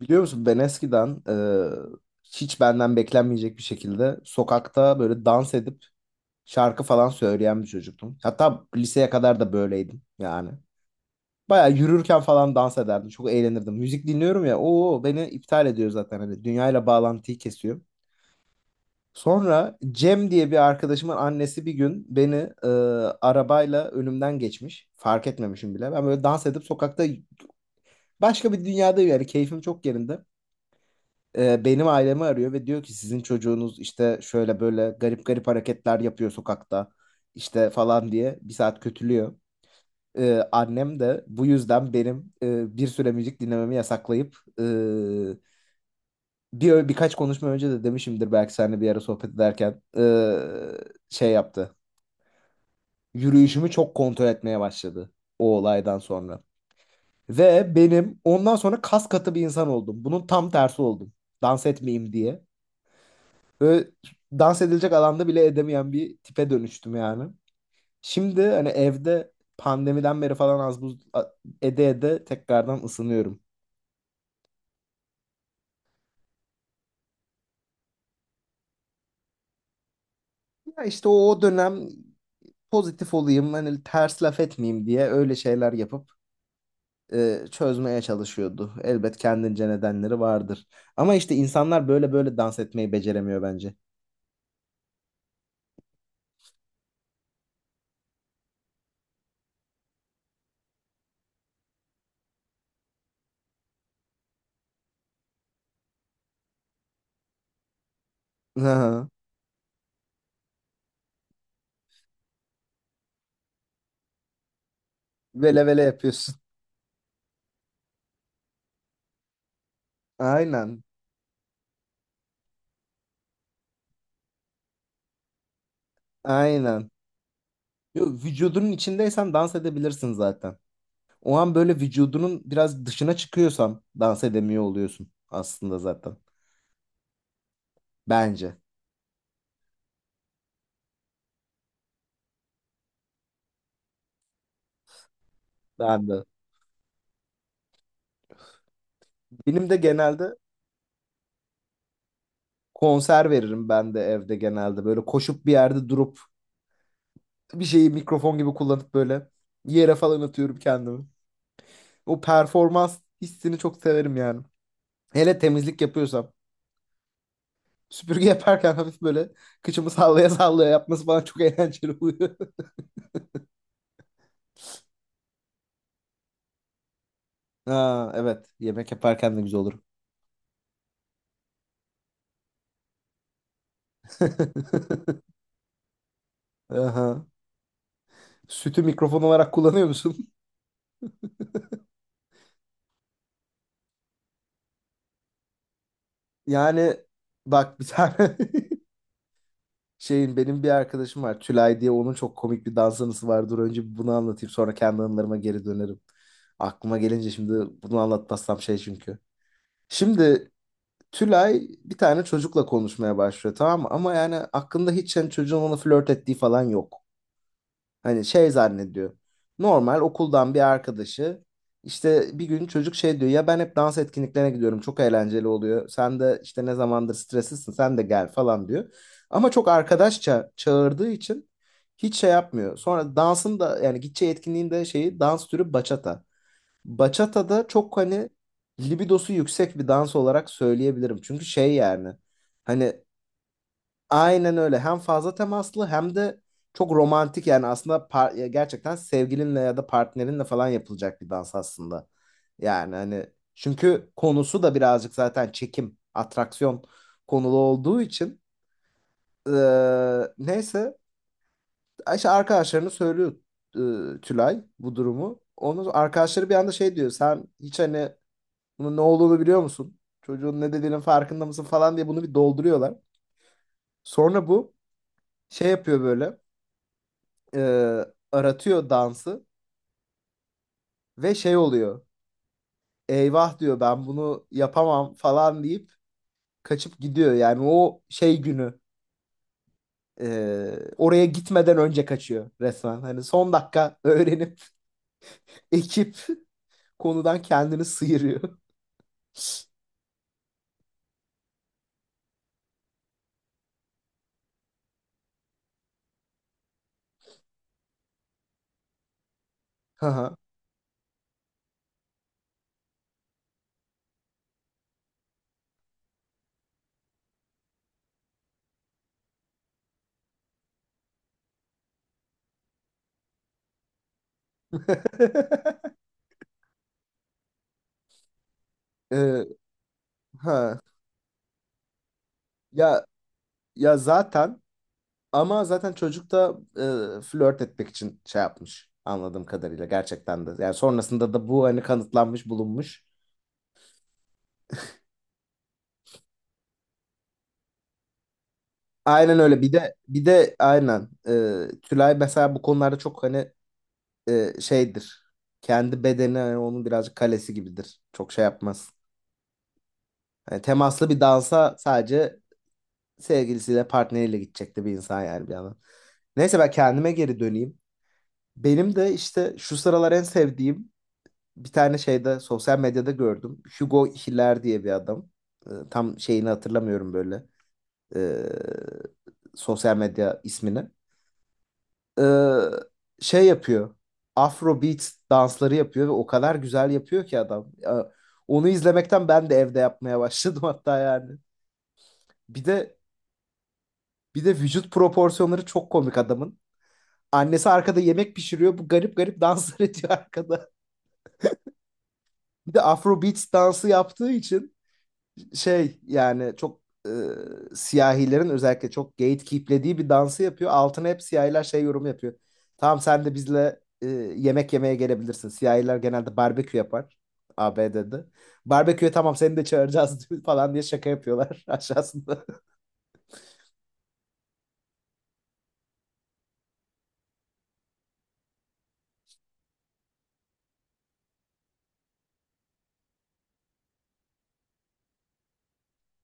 Biliyor musun ben eskiden hiç benden beklenmeyecek bir şekilde sokakta böyle dans edip şarkı falan söyleyen bir çocuktum. Hatta liseye kadar da böyleydim yani. Baya yürürken falan dans ederdim. Çok eğlenirdim. Müzik dinliyorum ya. Oo beni iptal ediyor zaten hani dünyayla bağlantıyı kesiyor. Sonra Cem diye bir arkadaşımın annesi bir gün beni e, arabayla önümden geçmiş. Fark etmemişim bile. Ben böyle dans edip sokakta başka bir dünyadayım yani keyfim çok yerinde. Benim ailemi arıyor ve diyor ki sizin çocuğunuz işte şöyle böyle garip garip hareketler yapıyor sokakta işte falan diye bir saat kötülüyor. E, annem de bu yüzden benim bir süre müzik dinlememi yasaklayıp birkaç konuşma önce de demişimdir belki seninle bir ara sohbet ederken şey yaptı. Yürüyüşümü çok kontrol etmeye başladı o olaydan sonra. Ve benim ondan sonra kas katı bir insan oldum. Bunun tam tersi oldum. Dans etmeyeyim diye. Böyle dans edilecek alanda bile edemeyen bir tipe dönüştüm yani. Şimdi hani evde pandemiden beri falan az buz ede ede tekrardan ısınıyorum. Ya işte o dönem pozitif olayım hani ters laf etmeyeyim diye öyle şeyler yapıp çözmeye çalışıyordu. Elbet kendince nedenleri vardır. Ama işte insanlar böyle böyle dans etmeyi beceremiyor bence. Aha. Vele vele yapıyorsun. Aynen. Aynen. Yo, vücudunun içindeysen dans edebilirsin zaten. O an böyle vücudunun biraz dışına çıkıyorsan dans edemiyor oluyorsun aslında zaten. Bence. Ben de. Benim de genelde konser veririm ben de evde genelde. Böyle koşup bir yerde durup bir şeyi mikrofon gibi kullanıp böyle yere falan atıyorum kendimi. O performans hissini çok severim yani. Hele temizlik yapıyorsam. Süpürge yaparken hafif böyle kıçımı sallaya sallaya yapması bana çok eğlenceli oluyor. Ha, evet. Yemek yaparken de güzel olur. Aha. Sütü mikrofon olarak kullanıyor musun? Yani bak bir tane şeyin benim bir arkadaşım var. Tülay diye onun çok komik bir dans anısı var. Dur önce bir bunu anlatayım sonra kendi anılarıma geri dönerim. Aklıma gelince şimdi bunu anlatmazsam şey çünkü. Şimdi Tülay bir tane çocukla konuşmaya başlıyor tamam mı? Ama yani aklında hiç yani çocuğun ona flört ettiği falan yok. Hani şey zannediyor. Normal okuldan bir arkadaşı işte bir gün çocuk şey diyor ya ben hep dans etkinliklerine gidiyorum çok eğlenceli oluyor. Sen de işte ne zamandır streslisin sen de gel falan diyor. Ama çok arkadaşça çağırdığı için hiç şey yapmıyor. Sonra dansın da yani gideceği etkinliğin de şeyi dans türü bachata. Bachata da çok hani libidosu yüksek bir dans olarak söyleyebilirim. Çünkü şey yani hani aynen öyle. Hem fazla temaslı hem de çok romantik yani aslında ya gerçekten sevgilinle ya da partnerinle falan yapılacak bir dans aslında. Yani hani çünkü konusu da birazcık zaten çekim, atraksiyon konulu olduğu için neyse işte arkadaşlarını söylüyor Tülay bu durumu. Onun arkadaşları bir anda şey diyor sen hiç hani bunun ne olduğunu biliyor musun? Çocuğun ne dediğinin farkında mısın falan diye bunu bir dolduruyorlar. Sonra bu şey yapıyor böyle. e, Aratıyor dansı ve şey oluyor. Eyvah diyor ben bunu yapamam falan deyip kaçıp gidiyor. Yani o şey günü oraya gitmeden önce kaçıyor resmen. Hani son dakika öğrenip ekip konudan kendini sıyırıyor. Haha. E, ha. Ya ya zaten ama zaten çocuk da flört etmek için şey yapmış anladığım kadarıyla gerçekten de. Yani sonrasında da bu hani kanıtlanmış bulunmuş. Aynen öyle. Bir de aynen. Tülay mesela bu konularda çok hani şeydir. Kendi bedeni hani onun birazcık kalesi gibidir. Çok şey yapmaz. Hani temaslı bir dansa sadece sevgilisiyle partneriyle gidecekti bir insan yani bir yandan. Neyse ben kendime geri döneyim. Benim de işte şu sıralar en sevdiğim bir tane şeyde sosyal medyada gördüm. Hugo Hiller diye bir adam. Tam şeyini hatırlamıyorum böyle. Ee, sosyal medya ismini. e, Şey yapıyor. Afrobeat dansları yapıyor ve o kadar güzel yapıyor ki adam. Ya, onu izlemekten ben de evde yapmaya başladım hatta yani. Bir de bir de vücut proporsiyonları çok komik adamın. Annesi arkada yemek pişiriyor. Bu garip garip danslar ediyor arkada. Bir de Afrobeat dansı yaptığı için şey yani çok siyahilerin özellikle çok gatekeeplediği bir dansı yapıyor. Altına hep siyahiler şey yorum yapıyor. Tamam sen de bizle yemek yemeye gelebilirsin. Siyahiler genelde barbekü yapar ABD'de. Barbeküye tamam seni de çağıracağız falan diye şaka yapıyorlar aşağısında.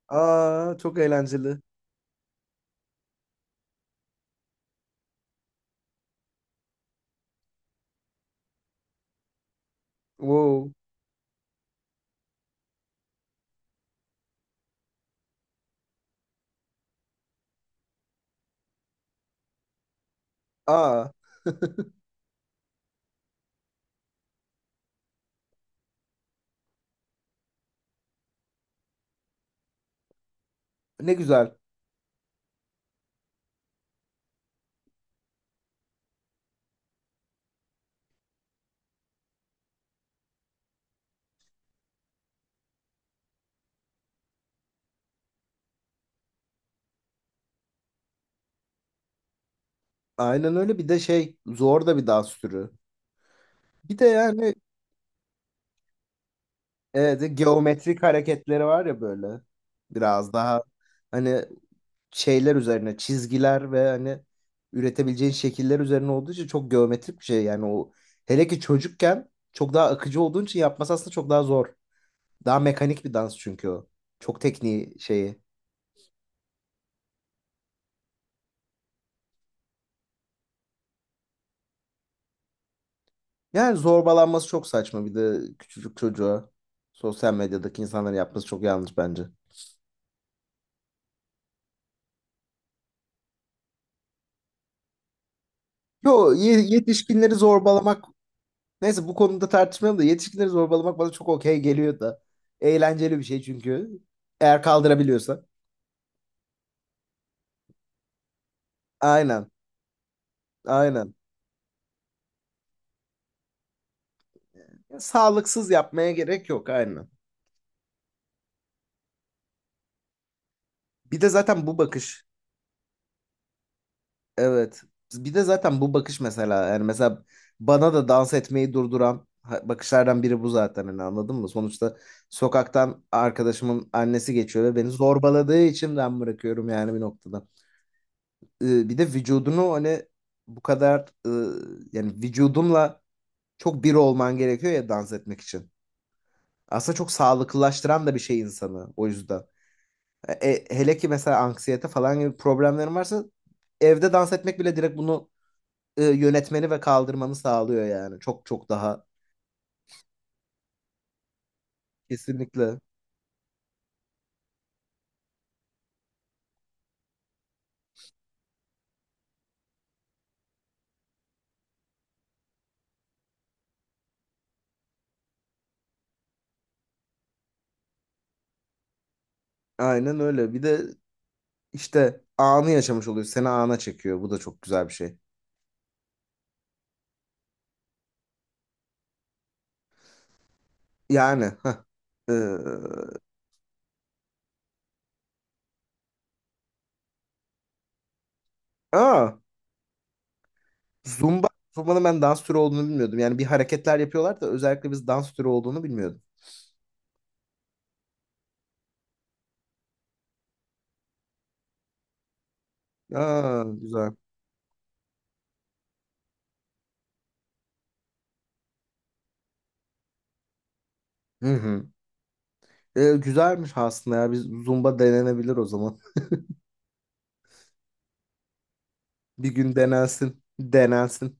Aa çok eğlenceli. Wow. Aa ne güzel. Aynen öyle bir de şey zor da bir dans türü. Bir de yani evet, geometrik hareketleri var ya böyle. Biraz daha hani şeyler üzerine çizgiler ve hani üretebileceğin şekiller üzerine olduğu için çok geometrik bir şey yani o hele ki çocukken çok daha akıcı olduğun için yapması aslında çok daha zor. Daha mekanik bir dans çünkü o. Çok tekniği şeyi. Yani zorbalanması çok saçma bir de küçücük çocuğa sosyal medyadaki insanların yapması çok yanlış bence. Yo yetişkinleri zorbalamak neyse bu konuda tartışmayalım da yetişkinleri zorbalamak bana çok okey geliyor da. Eğlenceli bir şey çünkü. Eğer kaldırabiliyorsa. Aynen. Aynen. Sağlıksız yapmaya gerek yok aynen. Bir de zaten bu bakış evet. Bir de zaten bu bakış mesela yani mesela bana da dans etmeyi durduran bakışlardan biri bu zaten hani anladın mı? Sonuçta sokaktan arkadaşımın annesi geçiyor ve beni zorbaladığı için ben bırakıyorum yani bir noktada. Bir de vücudunu hani bu kadar e, yani vücudunla çok bir olman gerekiyor ya dans etmek için. Aslında çok sağlıklılaştıran da bir şey insanı o yüzden. E, hele ki mesela anksiyete falan gibi problemlerin varsa evde dans etmek bile direkt bunu yönetmeni ve kaldırmanı sağlıyor yani. Çok çok daha kesinlikle. Aynen öyle. Bir de işte anı yaşamış oluyor. Seni ana çekiyor. Bu da çok güzel bir şey. Yani. Heh. Ee, aa, Zumba. Zumba'nın ben dans türü olduğunu bilmiyordum. Yani bir hareketler yapıyorlar da özellikle biz dans türü olduğunu bilmiyordum. Aa, güzel. Hı hı. Güzelmiş aslında ya. Biz Zumba denenebilir o zaman. Bir gün denensin. Denensin.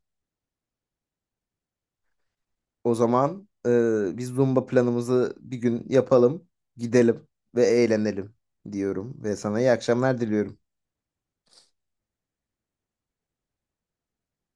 O zaman biz Zumba planımızı bir gün yapalım. Gidelim ve eğlenelim diyorum. Ve sana iyi akşamlar diliyorum.